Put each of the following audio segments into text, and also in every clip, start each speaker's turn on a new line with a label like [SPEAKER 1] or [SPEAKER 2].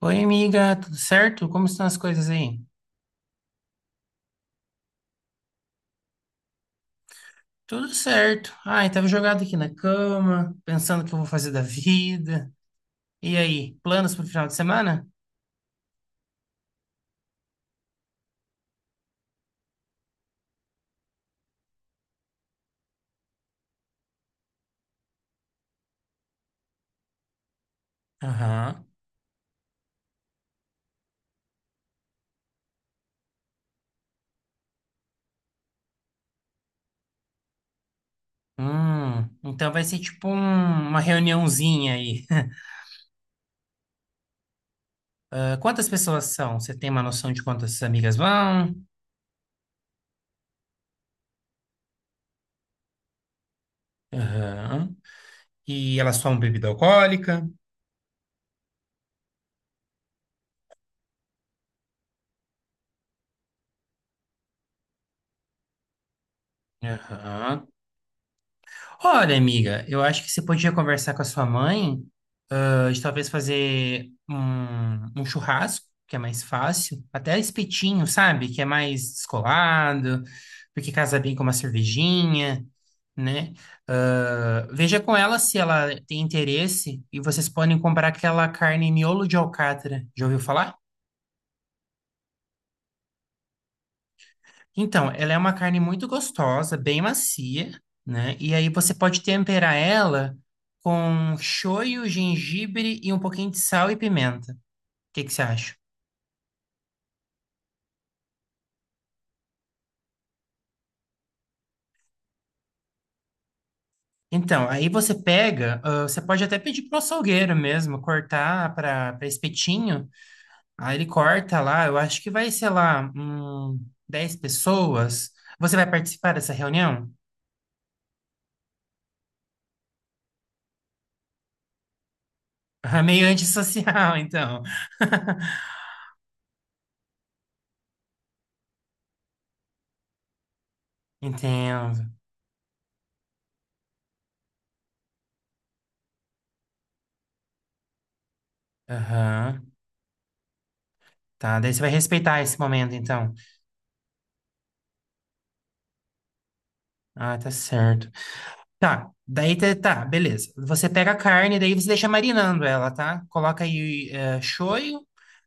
[SPEAKER 1] Oi, amiga, tudo certo? Como estão as coisas aí? Tudo certo. Ai, tava jogado aqui na cama, pensando o que eu vou fazer da vida. E aí, planos pro final de semana? Aham. Então vai ser tipo uma reuniãozinha aí. Ah, quantas pessoas são? Você tem uma noção de quantas amigas vão? Aham. E elas tomam bebida alcoólica? Aham. Olha, amiga, eu acho que você podia conversar com a sua mãe de talvez fazer um churrasco, que é mais fácil, até espetinho, sabe? Que é mais descolado, porque casa bem com uma cervejinha, né? Ah, veja com ela se ela tem interesse e vocês podem comprar aquela carne miolo de alcatra. Já ouviu falar? Então, ela é uma carne muito gostosa, bem macia, né? E aí você pode temperar ela com shoyu, gengibre e um pouquinho de sal e pimenta. O que que você acha? Então, aí você pega, ah, você pode até pedir pro açougueiro mesmo cortar para espetinho. Aí ele corta lá, eu acho que vai, sei lá, 10 pessoas. Você vai participar dessa reunião? Ah, meio antissocial, então. Entendo. Aham. Tá, daí você vai respeitar esse momento, então. Ah, tá certo. Tá, daí tá, tá, beleza. Você pega a carne, daí você deixa marinando ela, tá? Coloca aí shoyu.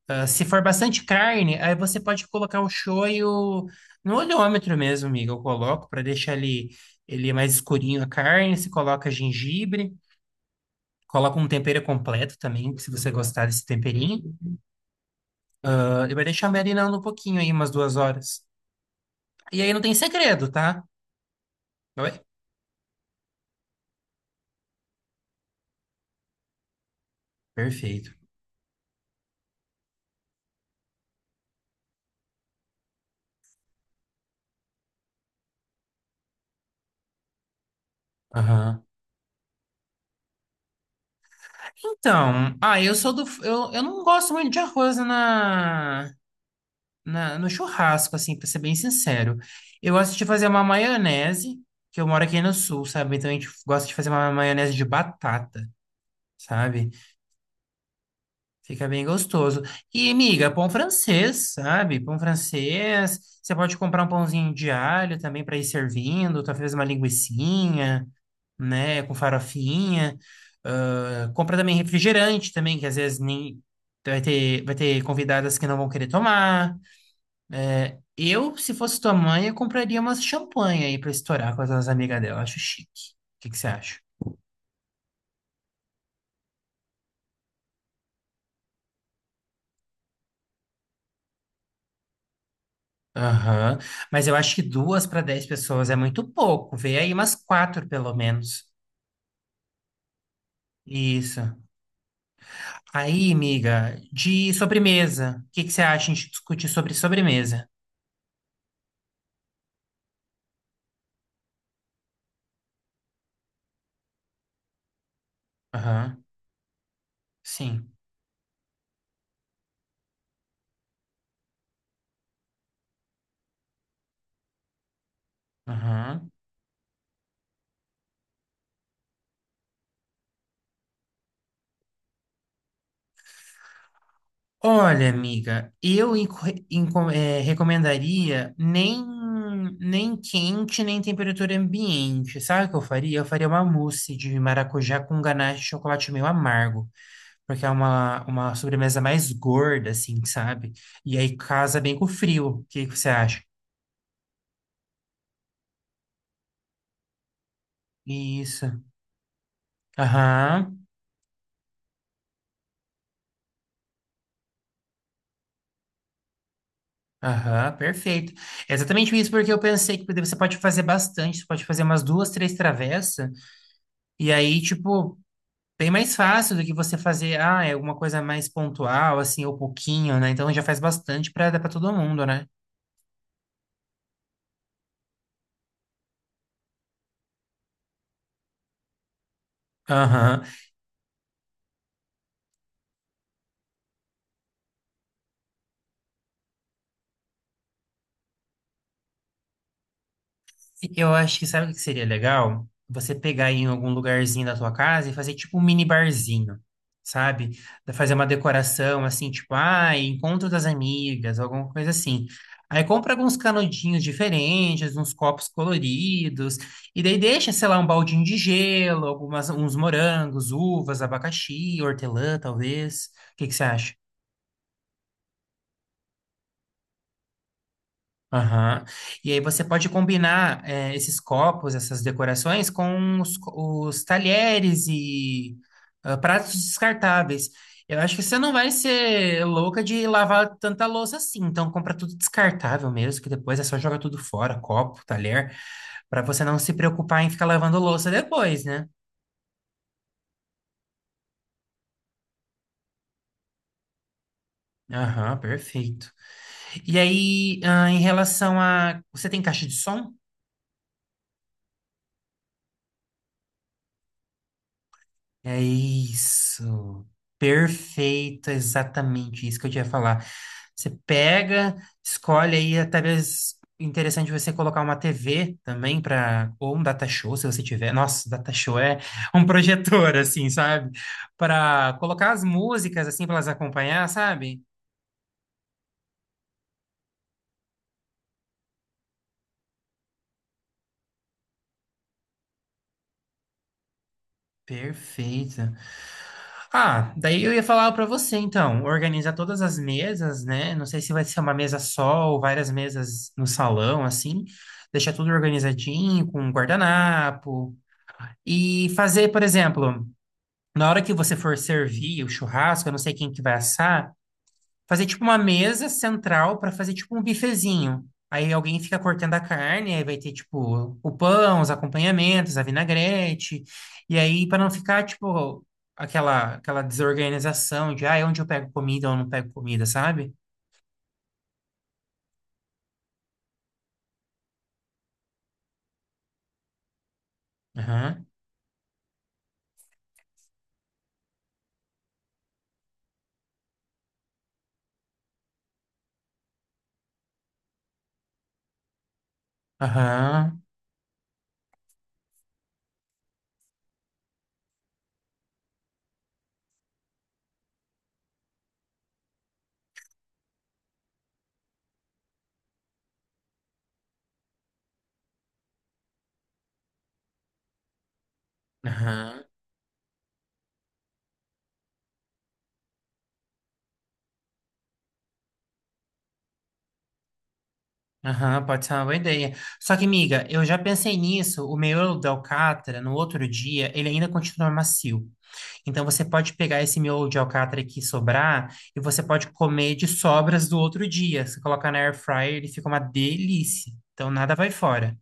[SPEAKER 1] Ah, se for bastante carne, aí você pode colocar o shoyu no oleômetro mesmo, amiga. Eu coloco para deixar ele mais escurinho a carne. Se coloca gengibre, coloca um tempero completo também, se você gostar desse temperinho. Ah, ele vai deixar marinando um pouquinho aí, umas 2 horas. E aí não tem segredo, tá? Oi? Perfeito. Então, ah, eu sou do. Eu não gosto muito de arroz no churrasco, assim, pra ser bem sincero. Eu gosto de fazer uma maionese, que eu moro aqui no sul, sabe? Então a gente gosta de fazer uma maionese de batata, sabe? Fica bem gostoso. E, amiga, pão francês, sabe? Pão francês. Você pode comprar um pãozinho de alho também para ir servindo, talvez uma linguiçinha, né? Com farofinha. Ah, compra também refrigerante também, que às vezes nem vai ter convidadas que não vão querer tomar. Eu, se fosse tua mãe, eu compraria umas champanhe aí pra estourar com as amigas dela. Acho chique. O que que você acha? Aham. Mas eu acho que duas para 10 pessoas é muito pouco. Vê aí umas quatro, pelo menos. Isso. Aí, amiga, de sobremesa. O que que você acha a gente discutir sobre sobremesa? Aham. Sim. Aham. Olha, amiga, eu recomendaria nem quente, nem temperatura ambiente. Sabe o que eu faria? Eu faria uma mousse de maracujá com ganache de chocolate meio amargo, porque é uma sobremesa mais gorda, assim, sabe? E aí casa bem com o frio. O que que você acha? Isso. Aham. Aham, perfeito. É exatamente isso, porque eu pensei que você pode fazer bastante, você pode fazer umas duas, três travessas, e aí, tipo, bem mais fácil do que você fazer, ah, é alguma coisa mais pontual, assim, ou pouquinho, né? Então já faz bastante pra dar pra todo mundo, né? Aham. Eu acho que sabe o que seria legal? Você pegar em algum lugarzinho da tua casa e fazer tipo um mini barzinho, sabe? Fazer uma decoração assim, tipo, ah, encontro das amigas, alguma coisa assim. Aí compra alguns canudinhos diferentes, uns copos coloridos, e daí deixa, sei lá, um baldinho de gelo, uns morangos, uvas, abacaxi, hortelã, talvez. O que que você acha? Aham. E aí você pode combinar esses copos, essas decorações com os talheres e ah, pratos descartáveis. Eu acho que você não vai ser louca de lavar tanta louça assim, então compra tudo descartável mesmo, que depois é só jogar tudo fora, copo, talher, para você não se preocupar em ficar lavando louça depois, né? Aham, perfeito. E aí, ah, em relação a. Você tem caixa de som? É isso. Perfeito, exatamente isso que eu tinha falar. Você pega, escolhe aí, talvez interessante você colocar uma TV também para ou um data show, se você tiver. Nossa, data show é um projetor assim, sabe? Para colocar as músicas assim para elas acompanhar, sabe? Perfeito. Ah, daí eu ia falar para você, então, organizar todas as mesas, né? Não sei se vai ser uma mesa só ou várias mesas no salão, assim. Deixar tudo organizadinho, com um guardanapo. E fazer, por exemplo, na hora que você for servir o churrasco, eu não sei quem que vai assar, fazer tipo uma mesa central para fazer tipo um bifezinho. Aí alguém fica cortando a carne, aí vai ter tipo o pão, os acompanhamentos, a vinagrete. E aí para não ficar tipo aquela desorganização de, ah, onde eu pego comida ou não pego comida, sabe? Aham. Aham. Aham. Aham, pode ser uma boa ideia. Só que, amiga, eu já pensei nisso. O miolo da alcatra, no outro dia, ele ainda continua macio. Então você pode pegar esse miolo de alcatra que sobrar e você pode comer de sobras do outro dia. Você coloca na air fryer, ele fica uma delícia. Então nada vai fora.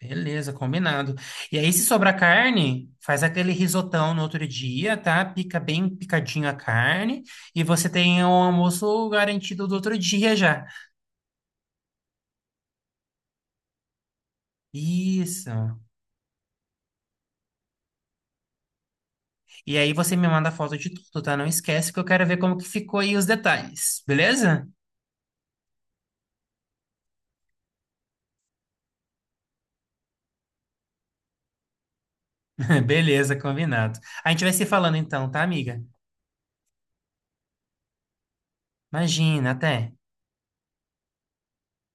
[SPEAKER 1] Beleza, combinado. E aí, se sobrar carne, faz aquele risotão no outro dia, tá? Pica bem picadinho a carne e você tem o almoço garantido do outro dia já. Isso. E aí você me manda foto de tudo, tá? Não esquece que eu quero ver como que ficou aí os detalhes, beleza? Beleza, combinado. A gente vai se falando então, tá, amiga? Imagina, até.